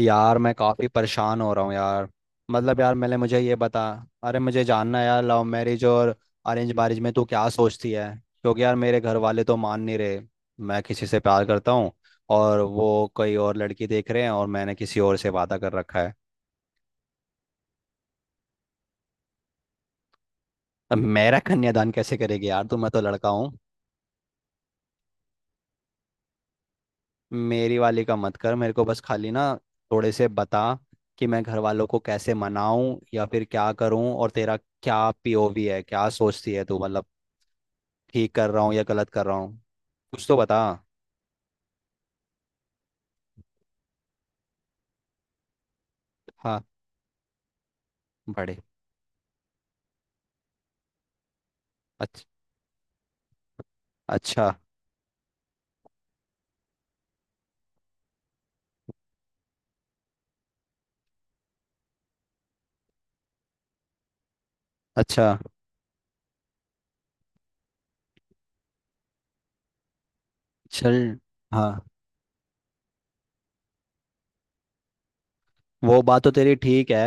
यार मैं काफ़ी परेशान हो रहा हूँ यार। मतलब यार मैंने मुझे ये बता। अरे मुझे जानना है यार लव मैरिज और अरेंज मैरिज में तू क्या सोचती है? क्योंकि यार मेरे घर वाले तो मान नहीं रहे। मैं किसी से प्यार करता हूँ और वो कोई और लड़की देख रहे हैं और मैंने किसी और से वादा कर रखा है। अब मेरा कन्यादान कैसे करेगी यार तू? मैं तो लड़का हूँ। मेरी वाली का मत कर, मेरे को बस खाली ना थोड़े से बता कि मैं घर वालों को कैसे मनाऊं या फिर क्या करूं। और तेरा क्या पीओवी है, क्या सोचती है तू? मतलब ठीक कर रहा हूँ या गलत कर रहा हूँ, कुछ तो बता। हाँ। बड़े। अच्छा। अच्छा। अच्छा। चल। हाँ। वो बात तो तेरी ठीक है,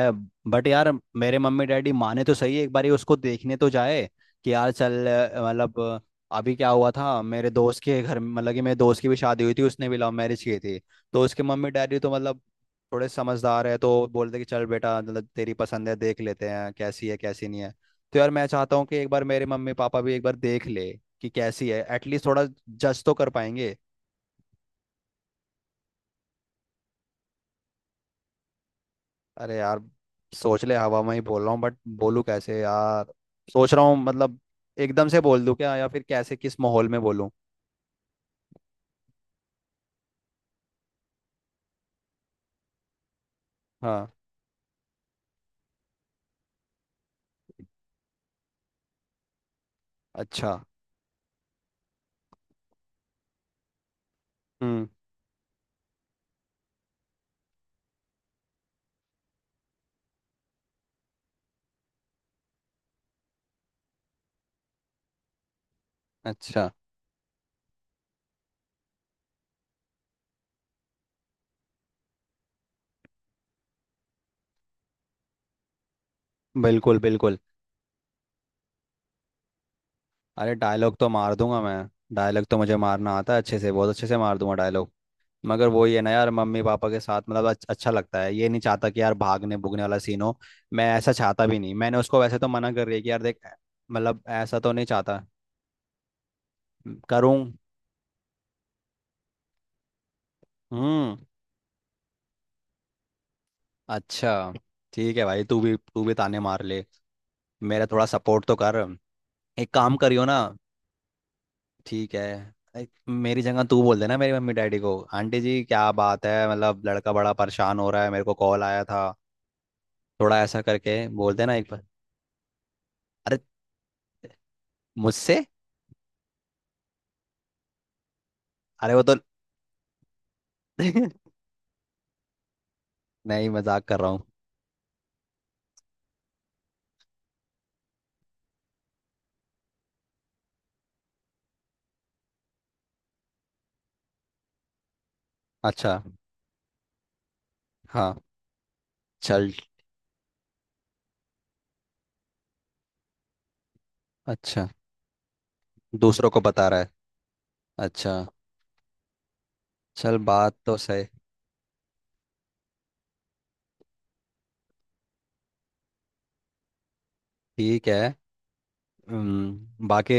बट यार मेरे मम्मी डैडी माने तो सही, एक बारी उसको देखने तो जाए कि यार चल। मतलब अभी क्या हुआ था मेरे दोस्त के घर में- मतलब कि मेरे दोस्त की भी शादी हुई थी, उसने भी लव मैरिज की थी। तो उसके मम्मी डैडी तो मतलब थोड़े समझदार है, तो बोलते कि चल बेटा मतलब तेरी पसंद है देख लेते हैं कैसी है कैसी नहीं है। तो यार मैं चाहता हूँ कि एक बार मेरे मम्मी पापा भी एक बार देख ले कि कैसी है, एटलीस्ट थोड़ा जज तो कर पाएंगे। अरे यार सोच ले हवा में ही बोल रहा हूँ, बट बोलूँ कैसे यार? सोच रहा हूँ मतलब एकदम से बोल दूँ क्या या फिर कैसे किस माहौल में बोलूँ? हाँ। अच्छा। हम्म। अच्छा। बिल्कुल बिल्कुल। अरे डायलॉग तो मार दूंगा मैं। डायलॉग तो मुझे मारना आता है, अच्छे से बहुत अच्छे से मार दूंगा डायलॉग। मगर वही है ना यार, मम्मी पापा के साथ मतलब अच्छा लगता है, ये नहीं चाहता कि यार भागने भुगने वाला सीन हो। मैं ऐसा चाहता भी नहीं, मैंने उसको वैसे तो मना कर रही है कि यार देख मतलब ऐसा तो नहीं चाहता। करूँ। हम्म। अच्छा। ठीक है भाई तू भी ताने मार ले। मेरा थोड़ा सपोर्ट तो कर। एक काम करियो ना। ठीक है। एक- मेरी जगह तू बोल देना मेरी मम्मी डैडी को। आंटी जी क्या बात है, मतलब लड़का बड़ा परेशान हो रहा है, मेरे को कॉल आया था। थोड़ा ऐसा करके बोल देना एक बार। अरे मुझसे। अरे वो तो। नहीं मजाक कर रहा हूँ। अच्छा। हाँ। चल। अच्छा। दूसरों को बता रहा है। अच्छा। चल बात तो सही। ठीक है। बाकी।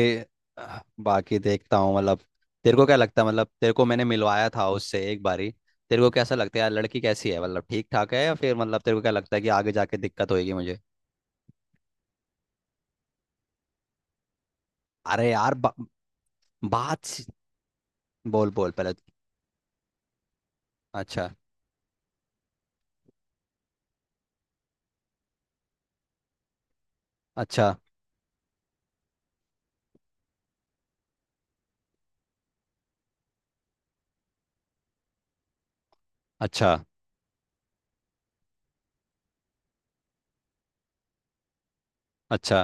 बाकी देखता हूँ मतलब। तेरे को क्या लगता है मतलब तेरे को मैंने मिलवाया था उससे एक बारी। तेरे को कैसा लगता है यार लड़की कैसी है, मतलब ठीक ठाक है या फिर मतलब तेरे को क्या लगता है कि आगे जाके दिक्कत होगी मुझे? अरे यार बात सी- बोल बोल पहले। अच्छा। अच्छा। अच्छा। अच्छा।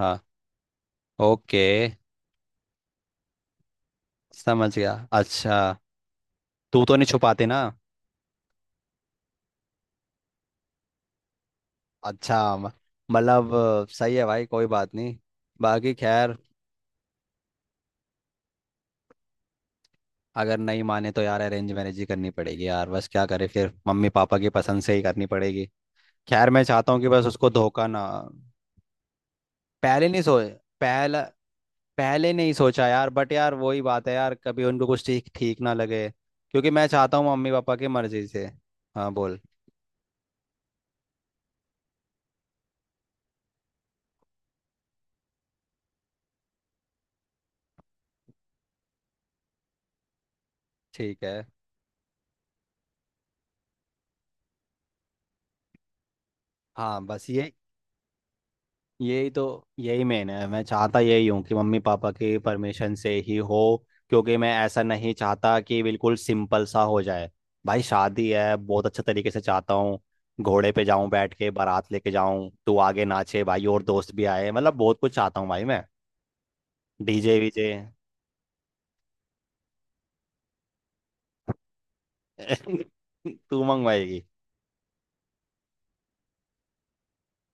हाँ। ओके। समझ गया अच्छा। तू तो नहीं छुपाते ना। अच्छा म- मतलब सही है भाई कोई बात नहीं। बाकी खैर, अगर नहीं माने तो यार अरेंज मैरिज ही करनी पड़ेगी यार, बस क्या करे फिर मम्मी पापा की पसंद से ही करनी पड़ेगी। खैर मैं चाहता हूँ कि बस उसको धोखा ना। पहले नहीं सो पहला पहले नहीं सोचा यार, बट यार वही बात है यार कभी उनको कुछ ठीक ठीक ना लगे। क्योंकि मैं चाहता हूँ मम्मी पापा की मर्जी से। हाँ बोल। ठीक है। हाँ बस ये यही तो यही मेन है, मैं चाहता यही हूँ कि मम्मी पापा की परमिशन से ही हो। क्योंकि मैं ऐसा नहीं चाहता कि बिल्कुल सिंपल सा हो जाए। भाई शादी है, बहुत अच्छे तरीके से चाहता हूँ। घोड़े पे जाऊं बैठ के, बारात लेके जाऊं, तू आगे नाचे भाई और दोस्त भी आए, मतलब बहुत कुछ चाहता हूँ भाई मैं। डीजे वीजे। तू मंगवाएगी?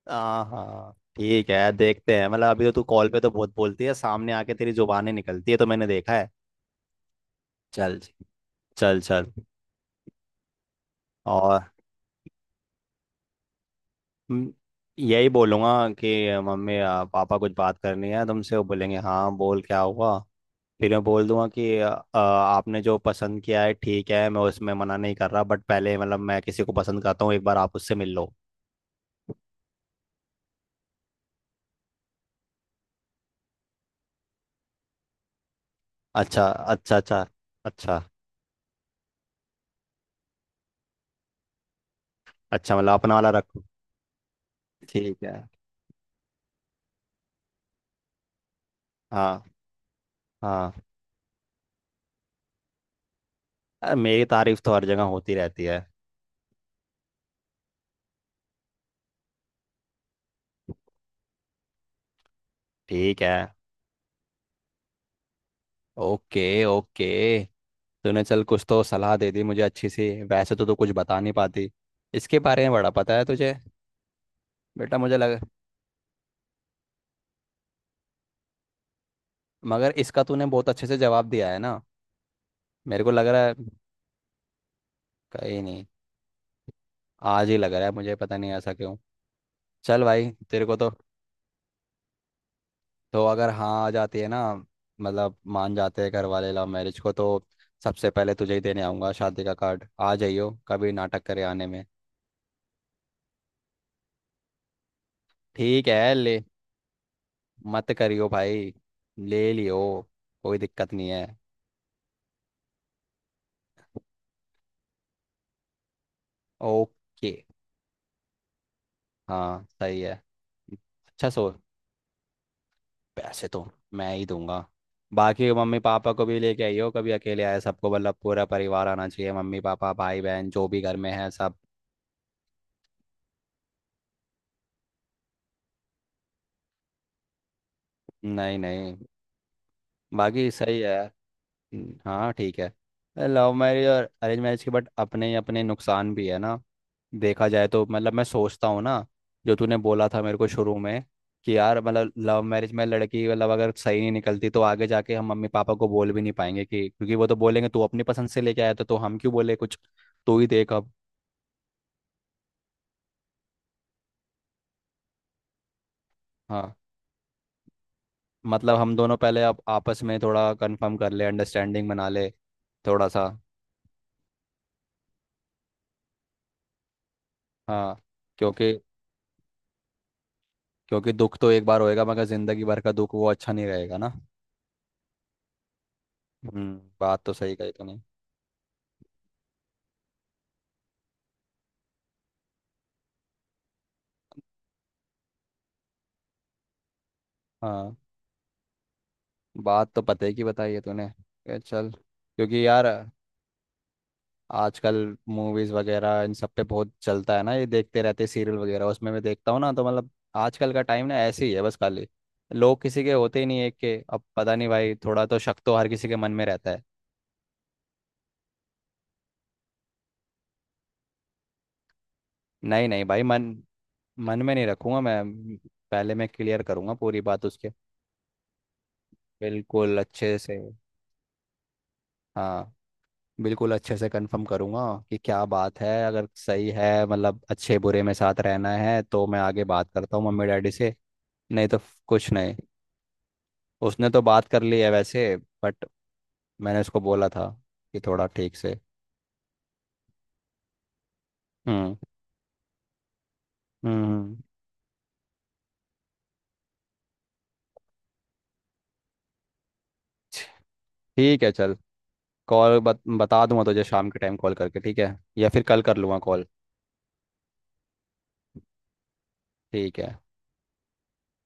हाँ हाँ ठीक है देखते हैं, मतलब अभी तो तू कॉल पे तो बहुत बोलती है, सामने आके तेरी जुबानें निकलती है तो मैंने देखा है। चल चल चल। और। हम्म, यही बोलूंगा कि मम्मी पापा कुछ बात करनी है तुमसे, वो बोलेंगे हाँ बोल क्या हुआ। फिर मैं बोल दूंगा कि आ, आ, आपने जो पसंद किया है ठीक है, मैं उसमें मना नहीं कर रहा बट पहले मतलब मैं किसी को पसंद करता हूँ, एक बार आप उससे मिल लो। अच्छा अच्छा अच्छा। अच्छा। अच्छा मतलब अपना वाला रखो। ठीक है। हाँ हाँ। अरे मेरी तारीफ तो हर जगह होती रहती है। ठीक है। Okay okay. तूने चल कुछ तो सलाह दे दी मुझे अच्छी सी, वैसे तो तू कुछ बता नहीं पाती। इसके बारे में बड़ा पता है तुझे। बेटा मुझे लग। मगर इसका तूने बहुत अच्छे से जवाब दिया है ना। मेरे को लग रहा है। कहीं नहीं। आज ही लग रहा है मुझे, पता नहीं ऐसा क्यों। चल भाई तेरे को तो। तो अगर हाँ आ जाती है ना मतलब मान जाते हैं घर वाले लव मैरिज को, तो सबसे पहले तुझे ही देने आऊँगा शादी का कार्ड। आ जाइयो कभी, नाटक करे आने में। ठीक है ले। मत करियो भाई, ले लियो, कोई दिक्कत नहीं है। ओके। हाँ सही है। अच्छा सो। पैसे तो मैं ही दूंगा। बाकी मम्मी पापा को भी लेके आइयो कभी, अकेले आए सबको, मतलब पूरा परिवार आना चाहिए, मम्मी पापा भाई बहन जो भी घर में है सब। नहीं नहीं। बाकी सही है। हाँ ठीक है। लव मैरिज और अरेंज मैरिज के बट अपने अपने नुकसान भी है ना, देखा जाए तो मतलब मैं सोचता हूँ ना जो तूने बोला था मेरे को शुरू में कि यार मतलब लव मैरिज में लड़की मतलब अगर सही नहीं निकलती तो आगे जाके हम मम्मी पापा को बोल भी नहीं पाएंगे कि, क्योंकि वो तो बोलेंगे तू अपनी पसंद से लेके आया था तो हम क्यों बोले कुछ। तू ही देख अब। हाँ। मतलब हम दोनों पहले अब आपस में थोड़ा कंफर्म कर ले, अंडरस्टैंडिंग बना ले थोड़ा सा। हाँ। क्योंकि क्योंकि दुख तो एक बार होएगा मगर जिंदगी भर का दुख वो अच्छा नहीं रहेगा ना। बात तो सही कही तूने। हाँ। बात तो पते की बताई है तूने। ए, चल क्योंकि यार आजकल मूवीज वगैरह इन सब पे बहुत चलता है ना, ये देखते रहते सीरियल वगैरह उसमें मैं देखता हूँ ना तो मतलब आजकल का टाइम ना ऐसे ही है बस खाली। लोग किसी के होते ही नहीं एक के, अब पता नहीं भाई थोड़ा तो शक तो हर किसी के मन में रहता है। नहीं नहीं भाई। मन मन में नहीं रखूंगा मैं। पहले मैं क्लियर करूंगा पूरी बात उसके बिल्कुल अच्छे से। हाँ। बिल्कुल अच्छे से कंफर्म करूंगा कि क्या बात है अगर सही है मतलब अच्छे बुरे में साथ रहना है तो मैं आगे बात करता हूँ मम्मी डैडी से। नहीं तो कुछ नहीं। उसने तो बात कर ली है वैसे। बट मैंने उसको बोला था कि थोड़ा ठीक से। हम्म हम्म। ठीक है चल। कॉल बता दूंगा तुझे शाम के टाइम कॉल करके, ठीक है या फिर कल कर लूँगा कॉल। ठीक है।